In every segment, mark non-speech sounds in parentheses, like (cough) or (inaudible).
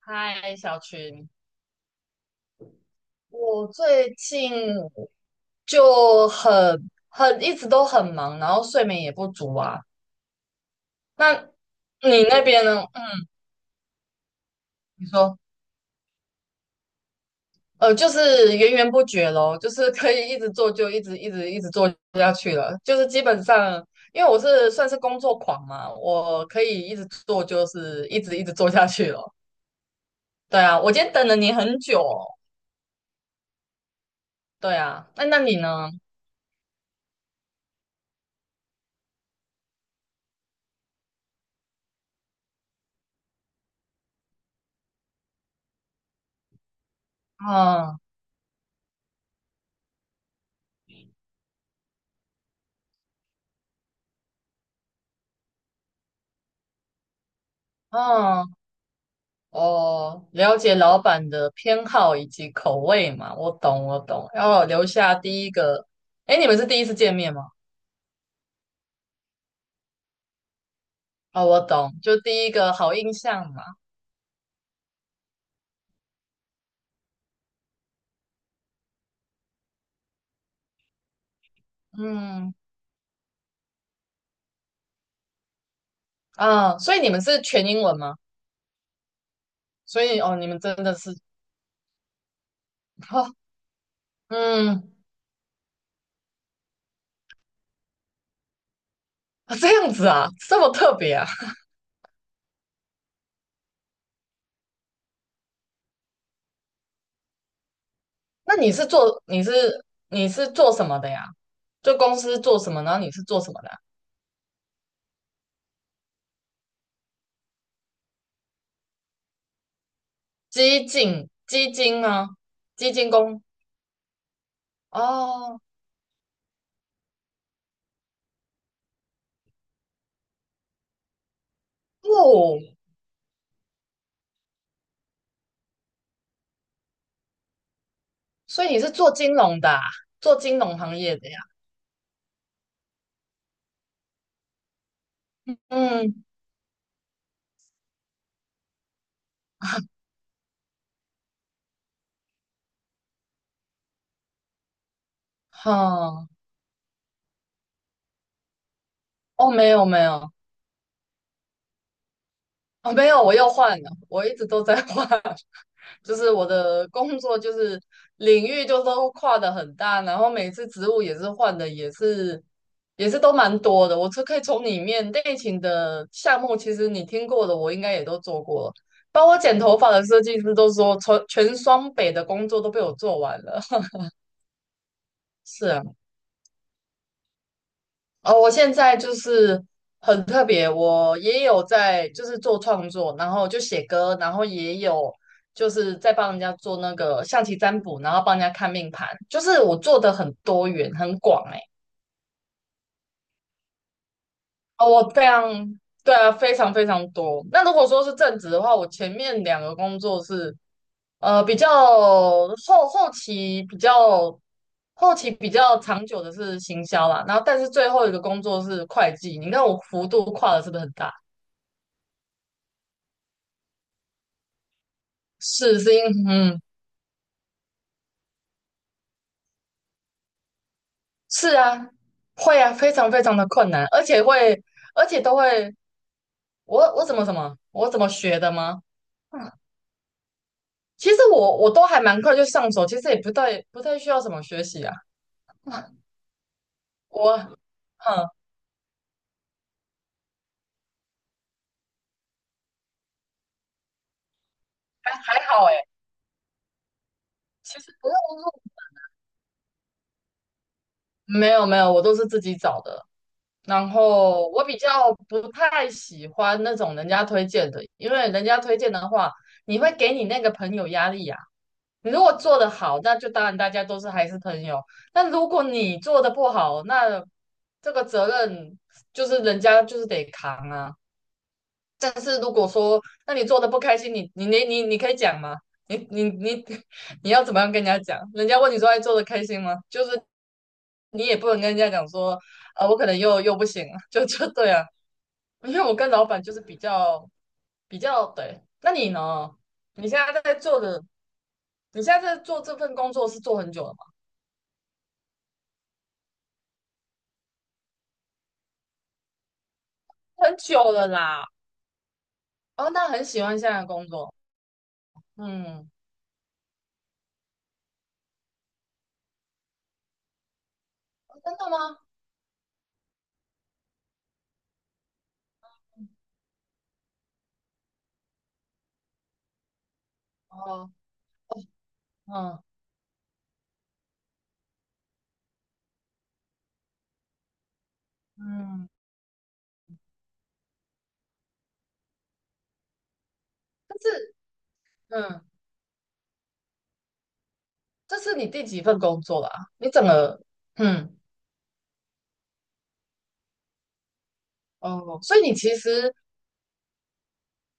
嗨，小群，我最近就很一直都很忙，然后睡眠也不足啊。那你那边呢？嗯，你说，就是源源不绝咯，就是可以一直做，就一直一直一直做下去了。就是基本上，因为我是算是工作狂嘛，我可以一直做，就是一直一直做下去了。对啊，我今天等了你很久哦。对啊，那你呢？嗯嗯。哦，了解老板的偏好以及口味嘛，我懂，我懂。要留下第一个，哎，你们是第一次见面吗？哦，我懂，就第一个好印象嘛。嗯啊，所以你们是全英文吗？所以哦，你们真的是，哦，嗯，啊这样子啊，这么特别啊。(laughs) 那你是做什么的呀？就公司做什么，然后你是做什么的啊基金吗？基金工哦哦。所以你是做金融的啊，做金融行业的呀？嗯，好，哦，没有没有，哦没有，我又换了，我一直都在换，(laughs) 就是我的工作就是领域就都跨的很大，然后每次职务也是换的，也是都蛮多的。我是可以从里面内勤的项目，其实你听过的，我应该也都做过了，包括剪头发的设计师都说，全双北的工作都被我做完了。(laughs) 是啊。哦，我现在就是很特别，我也有在就是做创作，然后就写歌，然后也有就是在帮人家做那个象棋占卜，然后帮人家看命盘，就是我做的很多元很广哎、哦，我非常对啊，非常非常多。那如果说是正职的话，我前面两个工作是呃比较后后期比较后期比较长久的是行销啦，然后但是最后一个工作是会计，你看我幅度跨的是不是很大？是是因嗯是啊，会啊，非常非常的困难，而且都会，我怎么学的吗？嗯，其实我都还蛮快就上手，其实也不太需要什么学习啊。嗯我嗯还好诶，其实不用没有没有，我都是自己找的。然后我比较不太喜欢那种人家推荐的，因为人家推荐的话，你会给你那个朋友压力呀、你如果做得好，那就当然大家都是还是朋友。但如果你做的不好，那这个责任就是人家就是得扛啊。但是如果说，那你做的不开心，你可以讲吗？你你你 (laughs) 你要怎么样跟人家讲？人家问你说，哎，做的开心吗？就是你也不能跟人家讲说，我可能又不行了，(laughs) 就对啊。因为我跟老板就是比较对。那你呢？你现在在做的，你现在在做这份工作是做很久了吗？很久了啦。哦，那很喜欢现在的工作。嗯，哦真的吗？哦，嗯嗯，但是嗯，这是你第几份工作啦？你整个嗯哦，所以你其实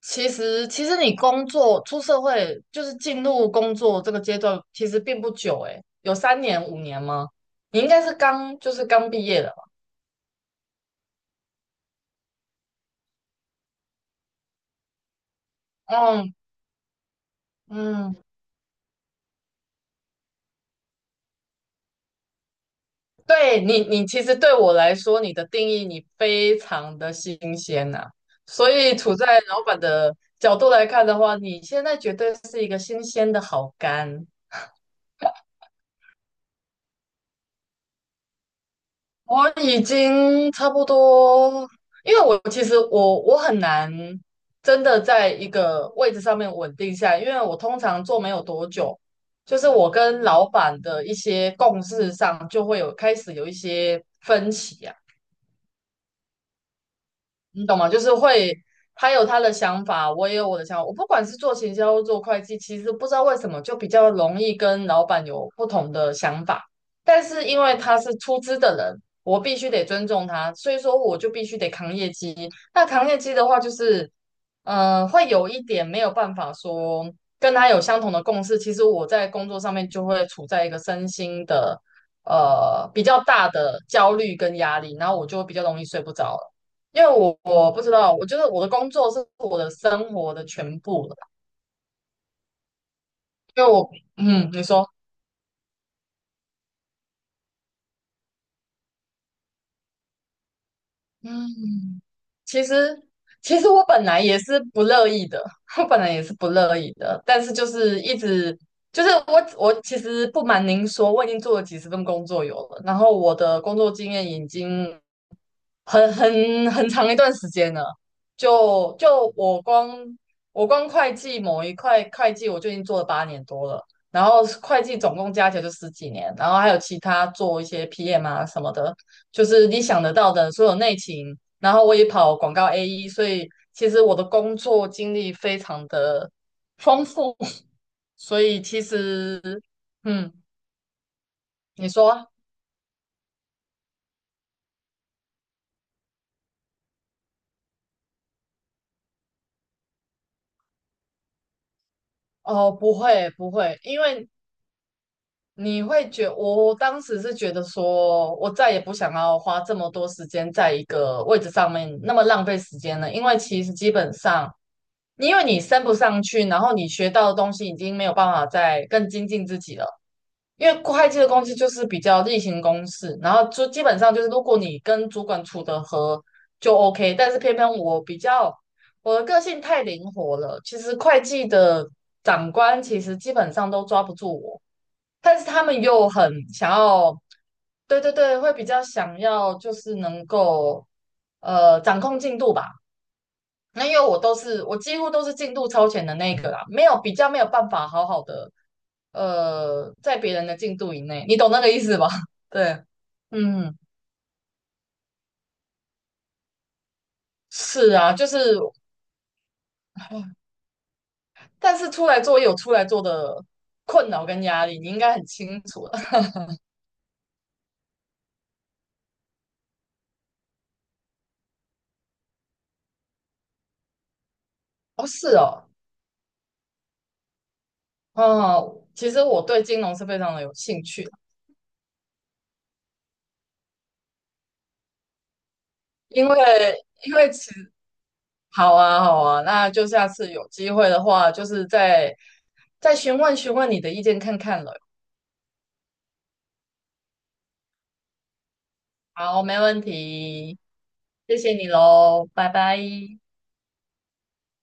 你工作出社会就是进入工作这个阶段，其实并不久诶，有三年五年吗？你应该是刚就是刚毕业的吧？嗯嗯。你其实对我来说，你的定义你非常的新鲜呐、所以处在老板的角度来看的话，你现在绝对是一个新鲜的好干。我已经差不多，因为我其实我很难真的在一个位置上面稳定下来，因为我通常做没有多久，就是我跟老板的一些共识上就会有开始有一些分歧啊。你懂吗？就是会，他有他的想法，我也有我的想法。我不管是做行销或做会计，其实不知道为什么就比较容易跟老板有不同的想法。但是因为他是出资的人，我必须得尊重他，所以说我就必须得扛业绩。那扛业绩的话，会有一点没有办法说跟他有相同的共识。其实我在工作上面就会处在一个身心的，比较大的焦虑跟压力，然后我就会比较容易睡不着。因为我不知道，我觉得我的工作是我的生活的全部了。因为你说，嗯，其实其实我本来也是不乐意的，(laughs) 我本来也是不乐意的，但是就是一直就是我其实不瞒您说，我已经做了几十份工作有了，然后我的工作经验已经很长一段时间了。就就我光我光会计某一块会计，我就已经做了8年多了。然后会计总共加起来就十几年，然后还有其他做一些 PM 啊什么的，就是你想得到的所有内勤。然后我也跑广告 AE，所以其实我的工作经历非常的丰富。(laughs) 所以其实，嗯，你说啊哦，不会不会，因为你会觉我当时是觉得说，我再也不想要花这么多时间在一个位置上面，那么浪费时间了。因为其实基本上，因为你升不上去，然后你学到的东西已经没有办法再更精进自己了。因为会计的东西就是比较例行公事，然后就基本上就是如果你跟主管处得和就 OK，但是偏偏我比较我的个性太灵活了，其实会计的长官其实基本上都抓不住我。但是他们又很想要，对对对，会比较想要就是能够掌控进度吧。那因为我几乎都是进度超前的那一个啦，没有办法好好的在别人的进度以内，你懂那个意思吧？(laughs) 对，嗯，是啊，就是但是出来做也有出来做的困扰跟压力，你应该很清楚的。(laughs) 哦，是哦，哦，其实我对金融是非常的有兴趣的因为因为其实好啊，好啊，那就下次有机会的话，就是再询问询问你的意见看看了。好，没问题，谢谢你喽，拜拜。